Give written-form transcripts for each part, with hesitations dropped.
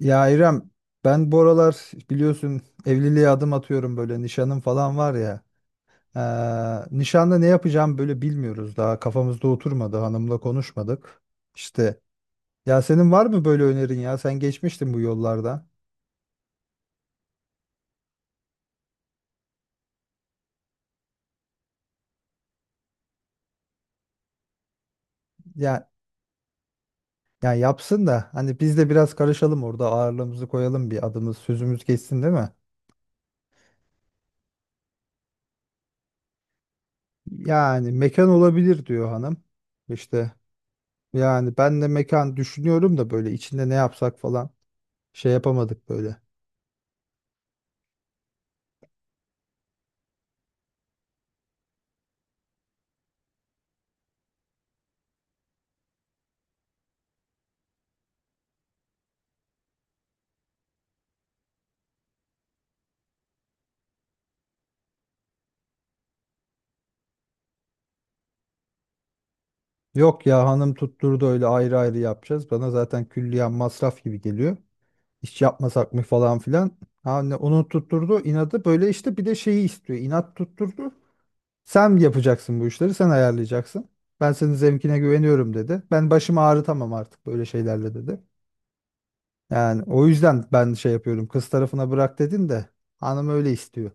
Ya İrem ben bu aralar biliyorsun evliliğe adım atıyorum böyle nişanım falan var ya. Nişanda ne yapacağım böyle bilmiyoruz daha kafamızda oturmadı hanımla konuşmadık. İşte ya senin var mı böyle önerin ya sen geçmiştin bu yollarda. Ya ya yapsın da hani biz de biraz karışalım orada ağırlığımızı koyalım bir adımız sözümüz geçsin değil mi? Yani mekan olabilir diyor hanım. İşte yani ben de mekan düşünüyorum da böyle içinde ne yapsak falan şey yapamadık böyle. Yok ya hanım tutturdu öyle ayrı ayrı yapacağız. Bana zaten külliyen masraf gibi geliyor. İş yapmasak mı falan filan. Hani onu tutturdu inadı böyle işte bir de şeyi istiyor. İnat tutturdu. Sen yapacaksın bu işleri sen ayarlayacaksın. Ben senin zevkine güveniyorum dedi. Ben başımı ağrıtamam artık böyle şeylerle dedi. Yani o yüzden ben şey yapıyorum kız tarafına bırak dedin de hanım öyle istiyor.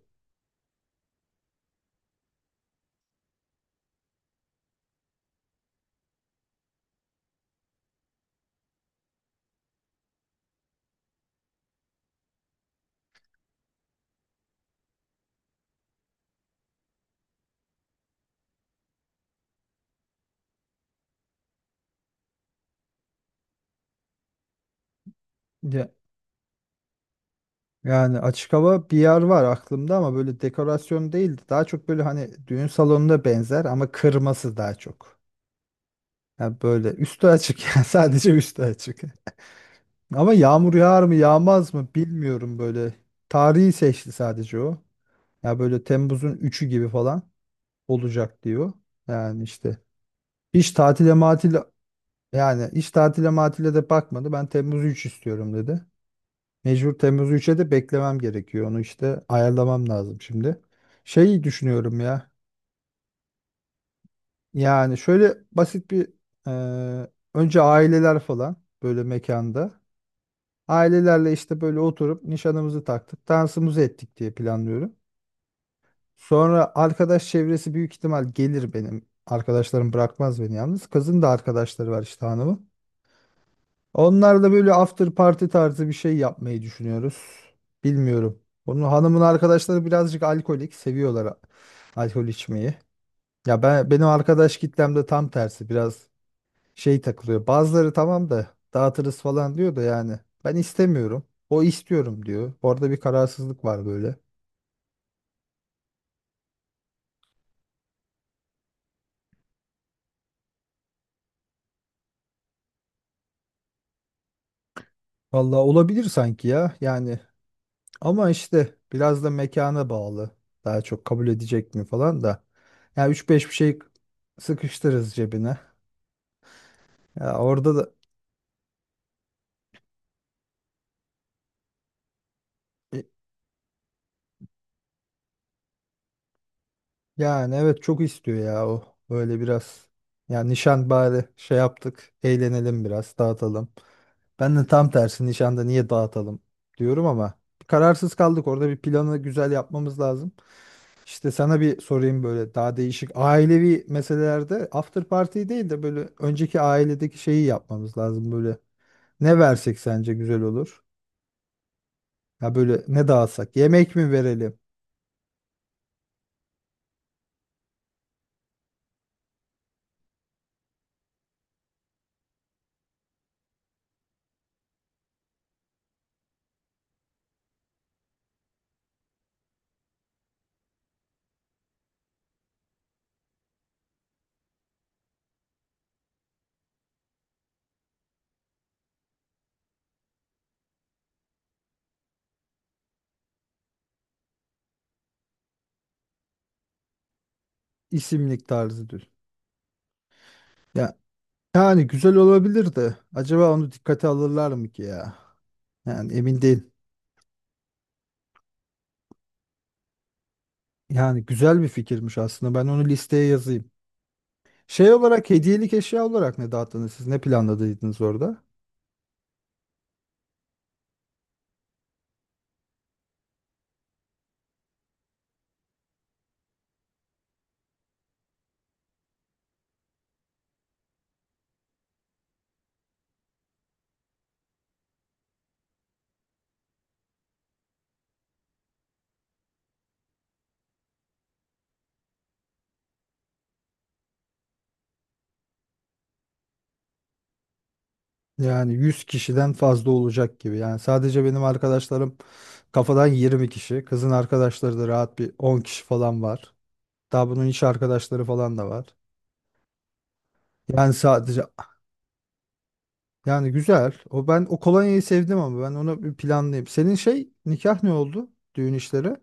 Ya, yani açık hava bir yer var aklımda ama böyle dekorasyon değil. Daha çok böyle hani düğün salonuna benzer ama kırması daha çok. Yani böyle üstü açık yani sadece üstü açık. Ama yağmur yağar mı yağmaz mı bilmiyorum böyle. Tarihi seçti sadece o. Ya böyle Temmuz'un 3'ü gibi falan olacak diyor. Yani işte hiç tatile matile yani hiç tatile matile de bakmadı. Ben Temmuz 3 istiyorum dedi. Mecbur Temmuz 3'e de beklemem gerekiyor. Onu işte ayarlamam lazım şimdi. Şeyi düşünüyorum ya. Yani şöyle basit bir e, önce aileler falan böyle mekanda. Ailelerle işte böyle oturup nişanımızı taktık, dansımızı ettik diye planlıyorum. Sonra arkadaş çevresi büyük ihtimal gelir benim. Arkadaşlarım bırakmaz beni yalnız. Kızın da arkadaşları var işte hanımın. Onlarla böyle after party tarzı bir şey yapmayı düşünüyoruz. Bilmiyorum. Onun hanımın arkadaşları birazcık alkolik, seviyorlar alkol içmeyi. Ya ben benim arkadaş kitlemde tam tersi biraz şey takılıyor. Bazıları tamam da dağıtırız falan diyor da yani ben istemiyorum. O istiyorum diyor. Orada bir kararsızlık var böyle. Vallahi olabilir sanki ya. Yani ama işte biraz da mekana bağlı. Daha çok kabul edecek mi falan da. Ya üç beş bir şey sıkıştırırız cebine. Ya orada da e, yani evet çok istiyor ya o böyle biraz. Yani nişan bari şey yaptık eğlenelim biraz dağıtalım. Ben de tam tersi nişanda niye dağıtalım diyorum ama kararsız kaldık orada bir planı güzel yapmamız lazım. İşte sana bir sorayım böyle daha değişik ailevi meselelerde after party değil de böyle önceki ailedeki şeyi yapmamız lazım böyle. Ne versek sence güzel olur? Ya böyle ne dağıtsak? Yemek mi verelim? İsimlik tarzı düz. Yani güzel olabilir de acaba onu dikkate alırlar mı ki ya? Yani emin değil. Yani güzel bir fikirmiş aslında. Ben onu listeye yazayım. Şey olarak hediyelik eşya olarak ne dağıttınız siz? Ne planladıydınız orada? Yani 100 kişiden fazla olacak gibi. Yani sadece benim arkadaşlarım kafadan 20 kişi. Kızın arkadaşları da rahat bir 10 kişi falan var. Daha bunun iş arkadaşları falan da var. Yani sadece yani güzel. O ben o kolonyayı sevdim ama ben onu bir planlayayım. Senin şey nikah ne oldu? Düğün işleri.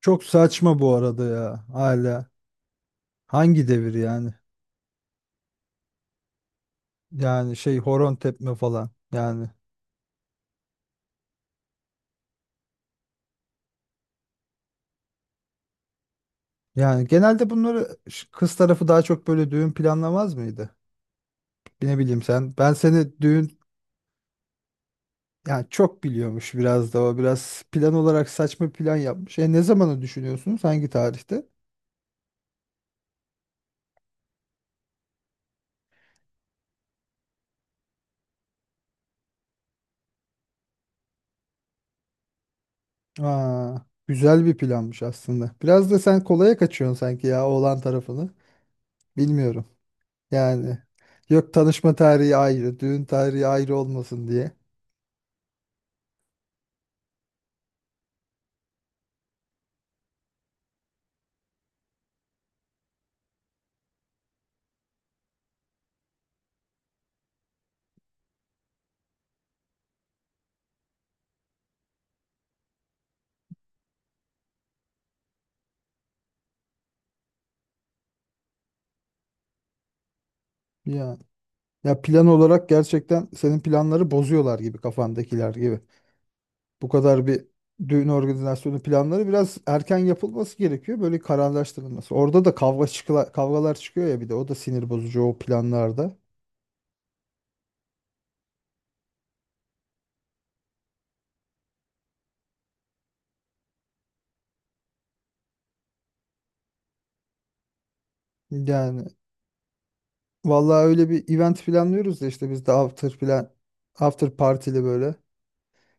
Çok saçma bu arada ya hala. Hangi devir yani? Yani şey horon tepme falan. Yani yani genelde bunları kız tarafı daha çok böyle düğün planlamaz mıydı? Ne bileyim sen. Ben seni düğün yani çok biliyormuş biraz da o biraz plan olarak saçma plan yapmış. E ne zamanı düşünüyorsunuz? Hangi tarihte? Aa, güzel bir planmış aslında. Biraz da sen kolaya kaçıyorsun sanki ya oğlan tarafını. Bilmiyorum. Yani yok tanışma tarihi ayrı, düğün tarihi ayrı olmasın diye. Ya, ya plan olarak gerçekten senin planları bozuyorlar gibi kafandakiler gibi. Bu kadar bir düğün organizasyonu planları biraz erken yapılması gerekiyor. Böyle kararlaştırılması. Orada da kavga kavgalar çıkıyor ya bir de o da sinir bozucu o planlarda. Yani vallahi öyle bir event planlıyoruz da işte biz de after plan after partili böyle.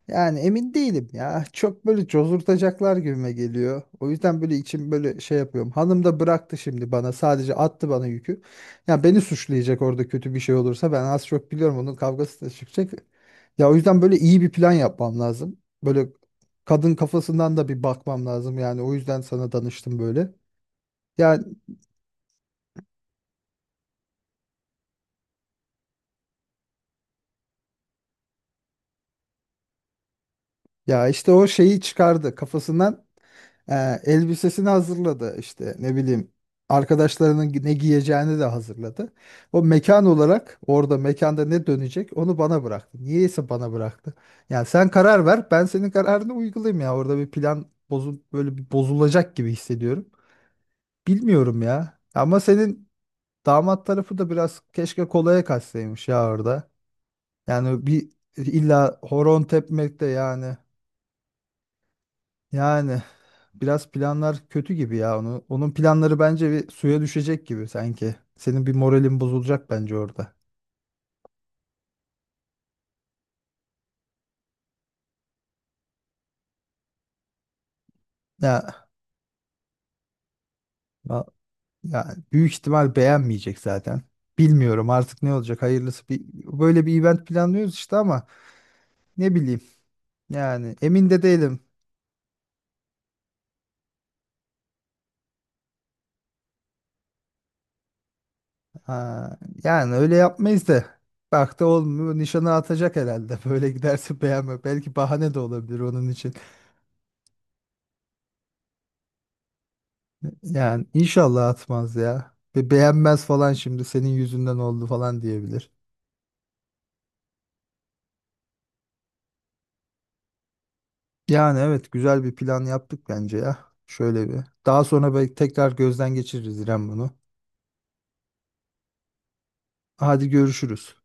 Yani emin değilim ya. Çok böyle cozurtacaklar gibime geliyor. O yüzden böyle içim böyle şey yapıyorum. Hanım da bıraktı şimdi bana. Sadece attı bana yükü. Ya beni suçlayacak orada kötü bir şey olursa. Ben az çok biliyorum onun kavgası da çıkacak. Ya o yüzden böyle iyi bir plan yapmam lazım. Böyle kadın kafasından da bir bakmam lazım. Yani o yüzden sana danıştım böyle. Ya, işte o şeyi çıkardı kafasından. Elbisesini hazırladı işte ne bileyim arkadaşlarının ne giyeceğini de hazırladı. O mekan olarak orada mekanda ne dönecek onu bana bıraktı. Niyeyse bana bıraktı. Yani sen karar ver ben senin kararını uygulayayım ya orada bir plan böyle bir bozulacak gibi hissediyorum. Bilmiyorum ya ama senin damat tarafı da biraz keşke kolaya kaçsaymış ya orada. Yani bir illa horon tepmek de yani yani biraz planlar kötü gibi ya. Onu, onun planları bence bir suya düşecek gibi sanki. Senin bir moralin bozulacak bence orada. Ya, ya, ya büyük ihtimal beğenmeyecek zaten. Bilmiyorum artık ne olacak hayırlısı. Böyle bir event planlıyoruz işte ama ne bileyim. Yani emin de değilim. Ha, yani öyle yapmayız da. Bak da olmuyor. Nişanı atacak herhalde. Böyle giderse beğenme. Belki bahane de olabilir onun için. Yani inşallah atmaz ya. Ve beğenmez falan şimdi senin yüzünden oldu falan diyebilir. Yani evet güzel bir plan yaptık bence ya. Şöyle bir. Daha sonra belki tekrar gözden geçiririz İrem bunu. Hadi görüşürüz.